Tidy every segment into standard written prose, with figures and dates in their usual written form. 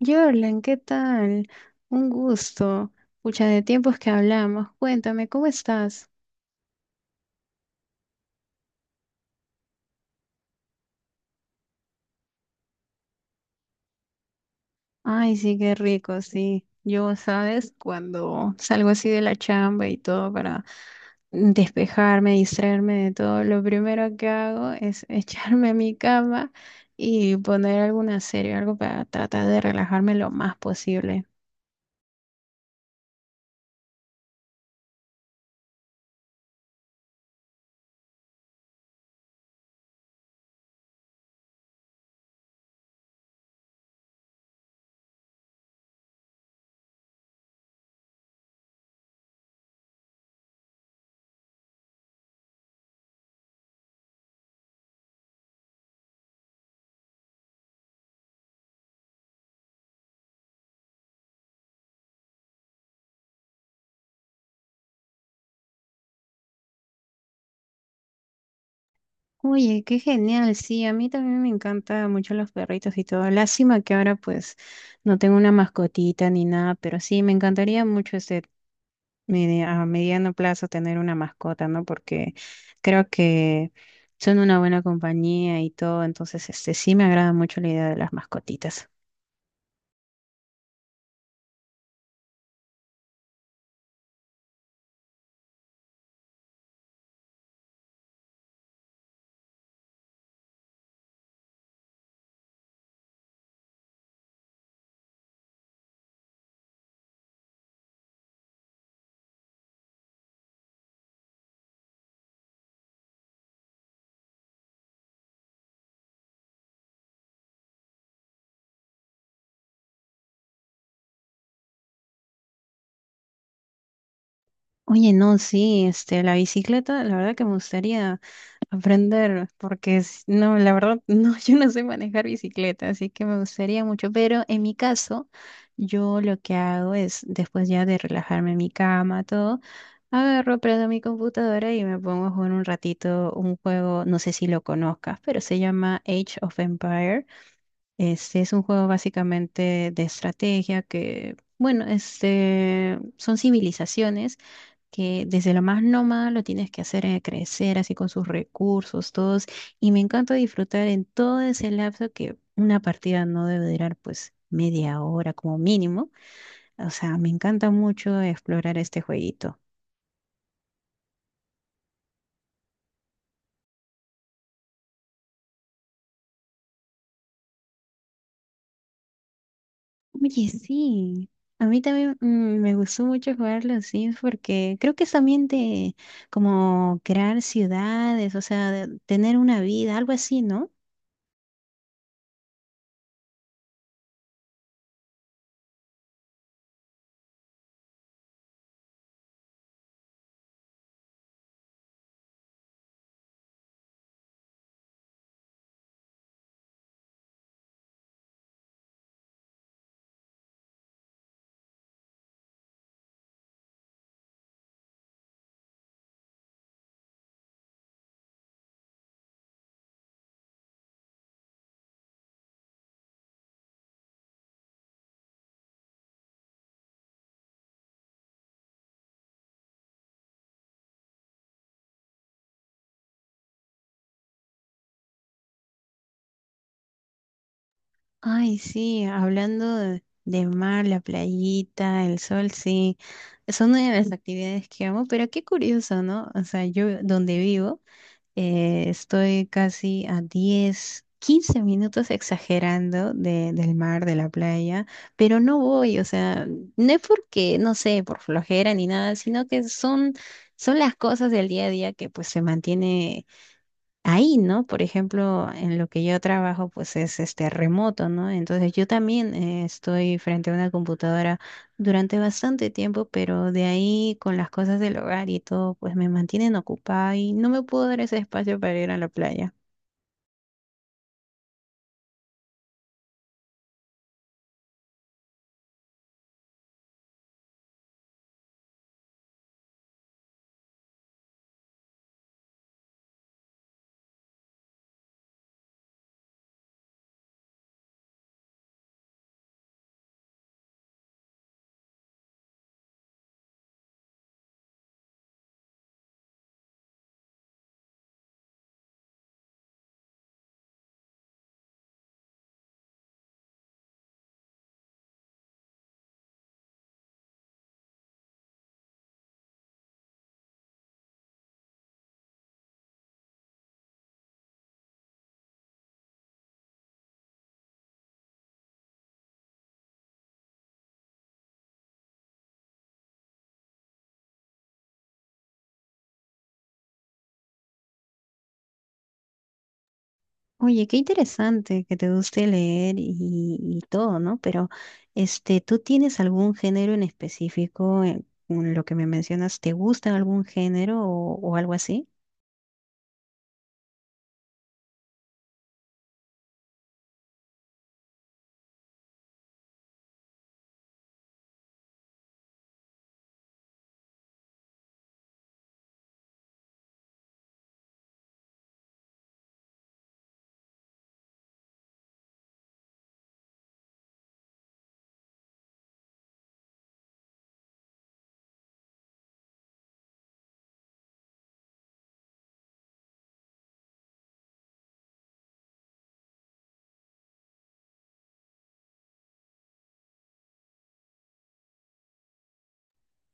Jorlan, ¿qué tal? Un gusto. Pucha, de tiempos que hablamos. Cuéntame, ¿cómo estás? Ay, sí, qué rico, sí. Yo, ¿sabes? Cuando salgo así de la chamba y todo para despejarme, distraerme de todo, lo primero que hago es echarme a mi cama y poner alguna serie, algo para tratar de relajarme lo más posible. Oye, qué genial, sí, a mí también me encantan mucho los perritos y todo. Lástima que ahora pues no tengo una mascotita ni nada, pero sí, me encantaría mucho este a mediano plazo tener una mascota, ¿no? Porque creo que son una buena compañía y todo, entonces este sí me agrada mucho la idea de las mascotitas. Oye, no, sí, este, la bicicleta, la verdad que me gustaría. Aprender, porque no, la verdad, no, yo no sé manejar bicicleta, así que me gustaría mucho, pero en mi caso, yo lo que hago es, después ya de relajarme en mi cama, todo, agarro, prendo mi computadora y me pongo a jugar un ratito un juego, no sé si lo conozcas, pero se llama Age of Empire. Este es un juego básicamente de estrategia que, bueno, este, son civilizaciones que desde lo más nómada lo tienes que hacer crecer así con sus recursos, todos. Y me encanta disfrutar en todo ese lapso que una partida no debe durar pues media hora como mínimo. O sea, me encanta mucho explorar este jueguito. Oye, sí. A mí también me gustó mucho jugar los Sims porque creo que es también de como crear ciudades, o sea, de tener una vida, algo así, ¿no? Ay, sí, hablando de mar, la playita, el sol, sí, son una de las actividades que amo, pero qué curioso, ¿no? O sea, yo donde vivo estoy casi a 10, 15 minutos exagerando de, del mar, de la playa, pero no voy, o sea, no es porque, no sé, por flojera ni nada, sino que son, son las cosas del día a día que pues se mantiene ahí, ¿no? Por ejemplo, en lo que yo trabajo, pues es este remoto, ¿no? Entonces yo también estoy frente a una computadora durante bastante tiempo, pero de ahí con las cosas del hogar y todo, pues me mantienen ocupada y no me puedo dar ese espacio para ir a la playa. Oye, qué interesante que te guste leer y todo, ¿no? Pero, este, ¿tú tienes algún género en específico en lo que me mencionas? ¿Te gusta algún género o algo así?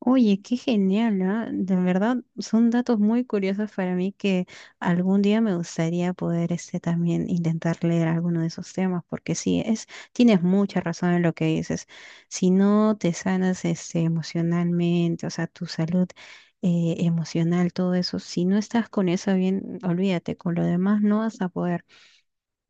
Oye, qué genial, ¿ah? De verdad, son datos muy curiosos para mí que algún día me gustaría poder este, también intentar leer alguno de esos temas, porque sí, es, tienes mucha razón en lo que dices. Si no te sanas este, emocionalmente, o sea, tu salud emocional, todo eso, si no estás con eso bien, olvídate, con lo demás no vas a poder.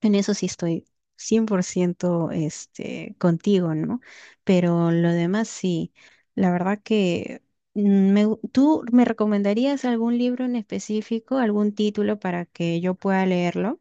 En eso sí estoy 100% este, contigo, ¿no? Pero lo demás sí, la verdad que ¿tú me recomendarías algún libro en específico, algún título para que yo pueda leerlo?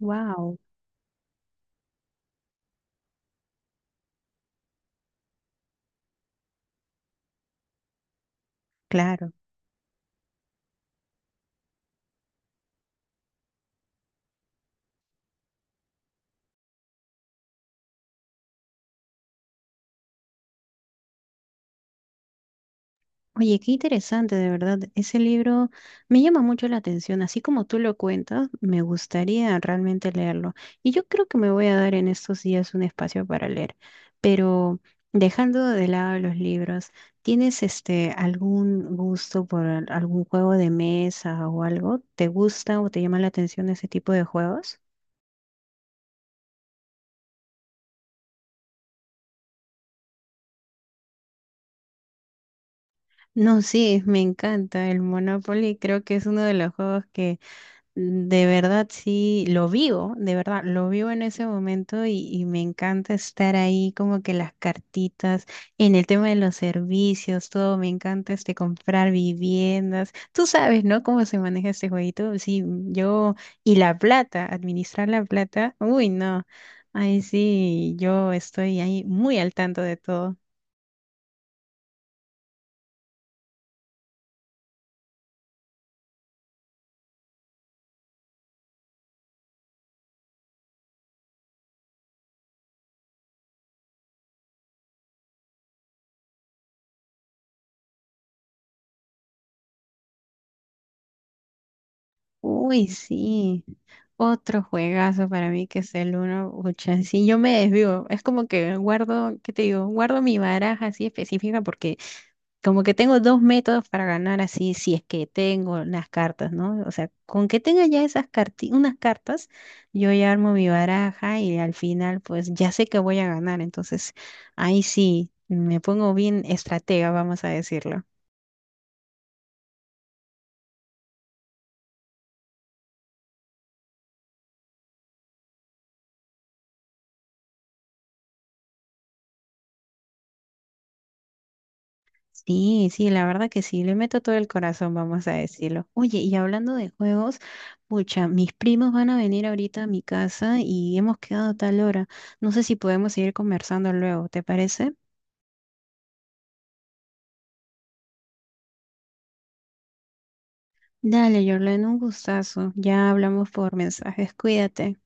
Wow, claro. Oye, qué interesante, de verdad. Ese libro me llama mucho la atención. Así como tú lo cuentas, me gustaría realmente leerlo. Y yo creo que me voy a dar en estos días un espacio para leer. Pero dejando de lado los libros, ¿tienes este algún gusto por algún juego de mesa o algo? ¿Te gusta o te llama la atención ese tipo de juegos? No, sí, me encanta el Monopoly. Creo que es uno de los juegos. De verdad, sí, lo vivo, de verdad, lo vivo en ese momento y me encanta estar ahí como que las cartitas, en el tema de los servicios, todo, me encanta este comprar viviendas. Tú sabes, ¿no? Cómo se maneja este jueguito. Sí, yo, y la plata, administrar la plata, uy, no. Ahí sí, yo estoy ahí muy al tanto de todo. Uy, sí. Otro juegazo para mí que es el uno. Ucha, sí, yo me desvío. Es como que guardo, ¿qué te digo? Guardo mi baraja así específica porque como que tengo dos métodos para ganar así, si es que tengo las cartas, ¿no? O sea, con que tenga ya esas unas cartas, yo ya armo mi baraja y al final pues ya sé que voy a ganar. Entonces, ahí sí, me pongo bien estratega, vamos a decirlo. Sí, sí, la verdad que sí, le meto todo el corazón, vamos a decirlo. Oye, y hablando de juegos, pucha, mis primos van a venir ahorita a mi casa y hemos quedado a tal hora. No sé si podemos seguir conversando luego, ¿te parece? Dale, Jorlen, un gustazo. Ya hablamos por mensajes, cuídate.